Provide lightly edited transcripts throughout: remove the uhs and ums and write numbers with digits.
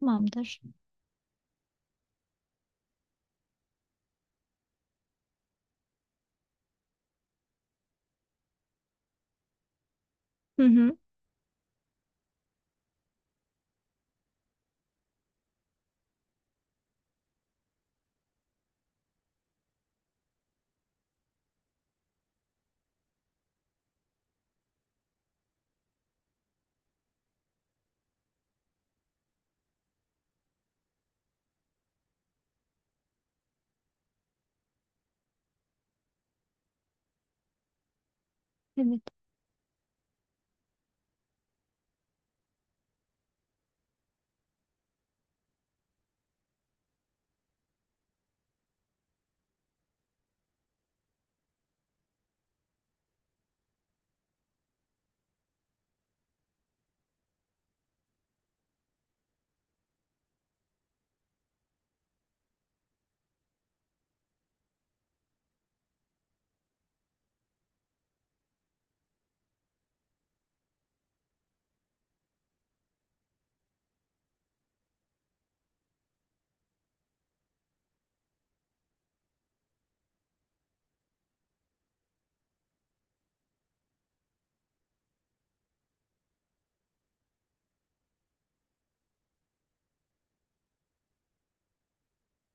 Tamamdır. Hı hı. Evet.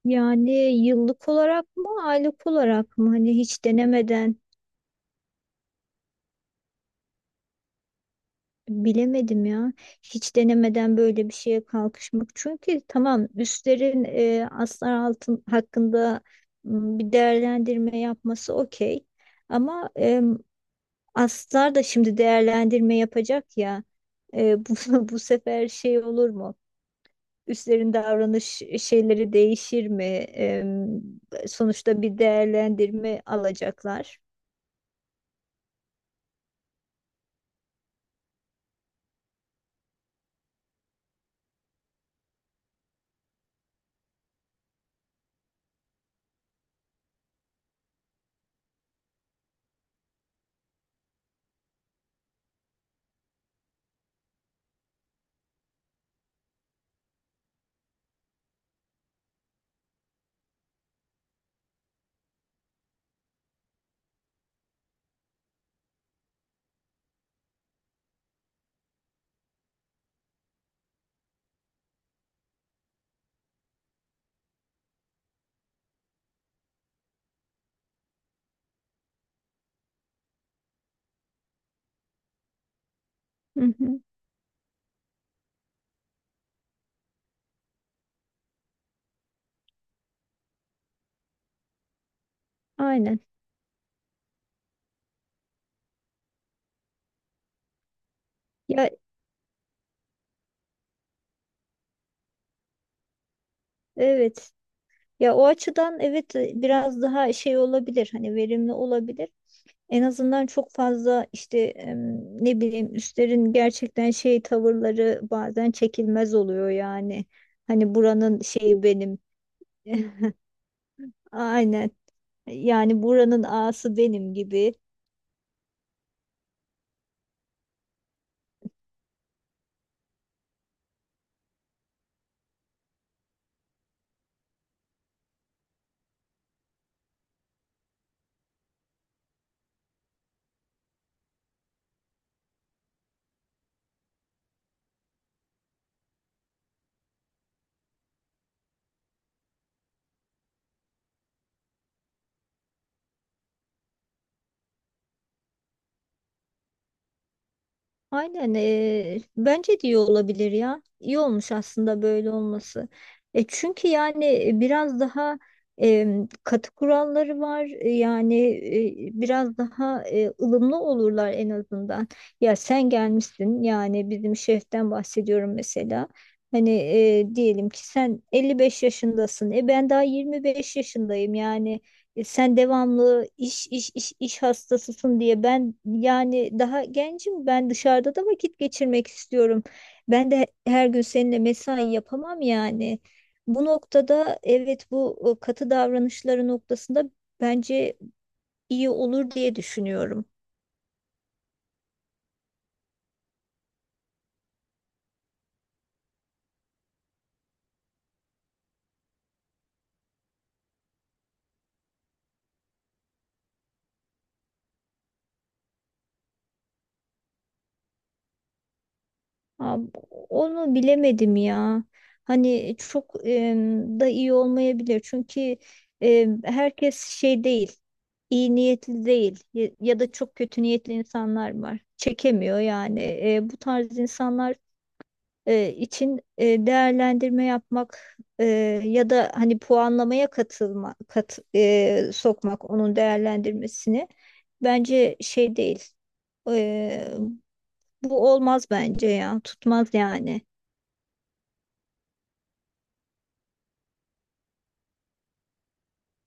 Yani yıllık olarak mı, aylık olarak mı? Hani hiç denemeden bilemedim ya. Hiç denemeden böyle bir şeye kalkışmak. Çünkü tamam üstlerin aslar altın hakkında bir değerlendirme yapması okey. Ama aslar da şimdi değerlendirme yapacak ya. Bu sefer şey olur mu? Üstlerin davranış şeyleri değişir mi? Sonuçta bir değerlendirme alacaklar. Hı hı, aynen. Ya evet. Ya o açıdan evet biraz daha şey olabilir. Hani verimli olabilir. En azından çok fazla işte ne bileyim üstlerin gerçekten şey tavırları bazen çekilmez oluyor yani. Hani buranın şeyi benim. Aynen. Yani buranın ağası benim gibi. Aynen, bence de iyi olabilir ya. İyi olmuş aslında böyle olması. Çünkü yani biraz daha katı kuralları var. Yani biraz daha ılımlı olurlar en azından. Ya sen gelmişsin yani bizim şeften bahsediyorum mesela. Hani diyelim ki sen 55 yaşındasın. E ben daha 25 yaşındayım yani. Sen devamlı iş hastasısın diye ben yani daha gencim, ben dışarıda da vakit geçirmek istiyorum. Ben de her gün seninle mesai yapamam yani. Bu noktada evet bu katı davranışları noktasında bence iyi olur diye düşünüyorum. Ha, onu bilemedim ya. Hani çok da iyi olmayabilir. Çünkü herkes şey değil, iyi niyetli değil ya, ya da çok kötü niyetli insanlar var. Çekemiyor yani. Bu tarz insanlar için değerlendirme yapmak ya da hani puanlamaya katılma, sokmak onun değerlendirmesini bence şey değil. E, bu olmaz bence ya. Tutmaz yani.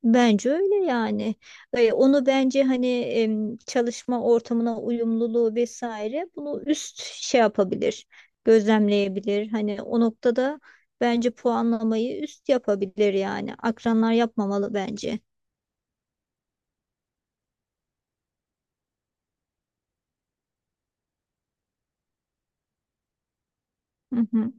Bence öyle yani. Onu bence hani çalışma ortamına uyumluluğu vesaire bunu üst şey yapabilir, gözlemleyebilir. Hani o noktada bence puanlamayı üst yapabilir yani. Akranlar yapmamalı bence. Hı hı.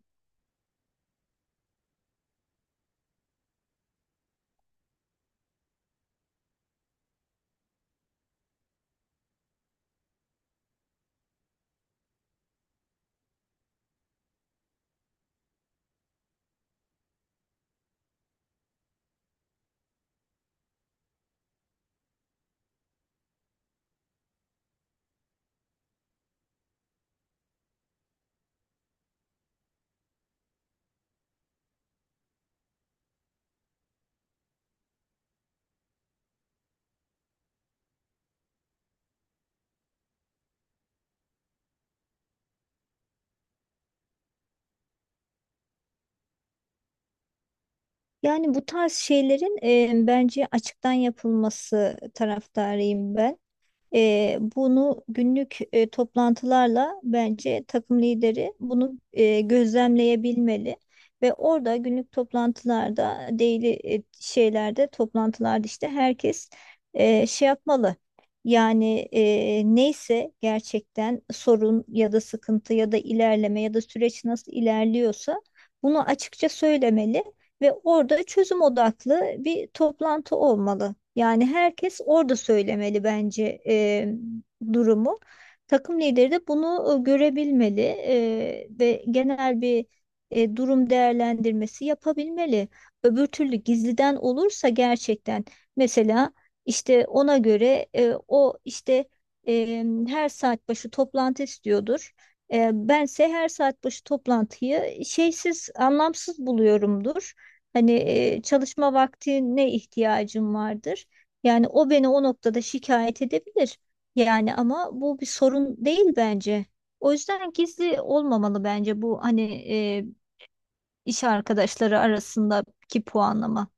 Yani bu tarz şeylerin bence açıktan yapılması taraftarıyım ben. Bunu günlük toplantılarla bence takım lideri bunu gözlemleyebilmeli ve orada günlük toplantılarda daily şeylerde toplantılarda işte herkes şey yapmalı. Yani neyse gerçekten sorun ya da sıkıntı ya da ilerleme ya da süreç nasıl ilerliyorsa bunu açıkça söylemeli ve orada çözüm odaklı bir toplantı olmalı. Yani herkes orada söylemeli bence durumu. Takım lideri de bunu görebilmeli ve genel bir durum değerlendirmesi yapabilmeli. Öbür türlü gizliden olursa gerçekten mesela işte ona göre o işte her saat başı toplantı istiyordur. Bense her saat başı toplantıyı şeysiz, anlamsız buluyorumdur. Hani çalışma vaktine ihtiyacım vardır. Yani o beni o noktada şikayet edebilir. Yani ama bu bir sorun değil bence. O yüzden gizli olmamalı bence bu hani e, iş arkadaşları arasındaki puanlama.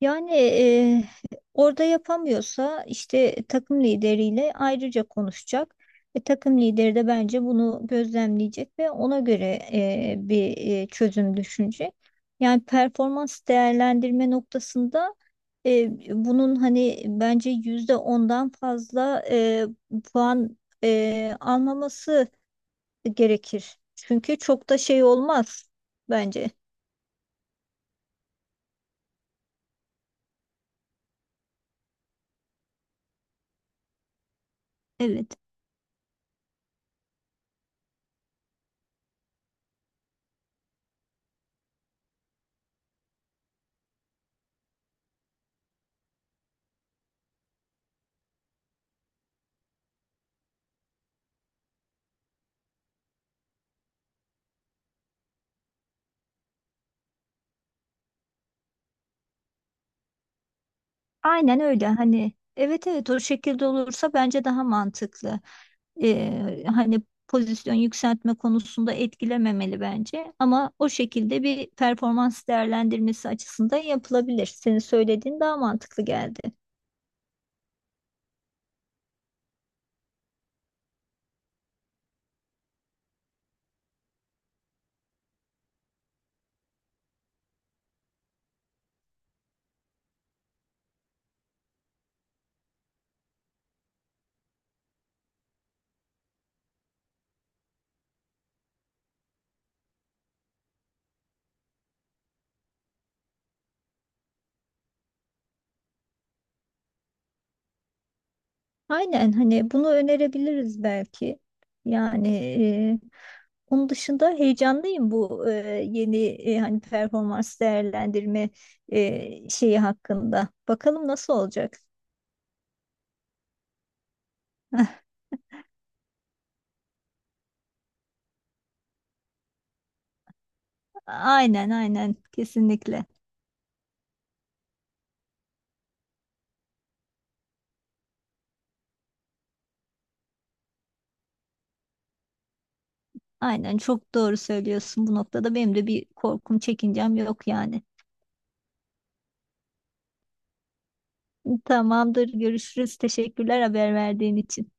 Yani, orada yapamıyorsa işte takım lideriyle ayrıca konuşacak. Ve takım lideri de bence bunu gözlemleyecek ve ona göre bir çözüm düşünecek. Yani performans değerlendirme noktasında bunun hani bence %10'dan fazla puan almaması gerekir. Çünkü çok da şey olmaz bence. Evet. Aynen öyle, hani evet evet o şekilde olursa bence daha mantıklı. Hani pozisyon yükseltme konusunda etkilememeli bence, ama o şekilde bir performans değerlendirmesi açısından yapılabilir. Senin söylediğin daha mantıklı geldi. Aynen, hani bunu önerebiliriz belki. Yani onun dışında heyecanlıyım bu yeni hani performans değerlendirme şeyi hakkında. Bakalım nasıl olacak. Aynen aynen, kesinlikle. Aynen, çok doğru söylüyorsun bu noktada. Benim de bir korkum, çekincem yok yani. Tamamdır, görüşürüz. Teşekkürler haber verdiğin için.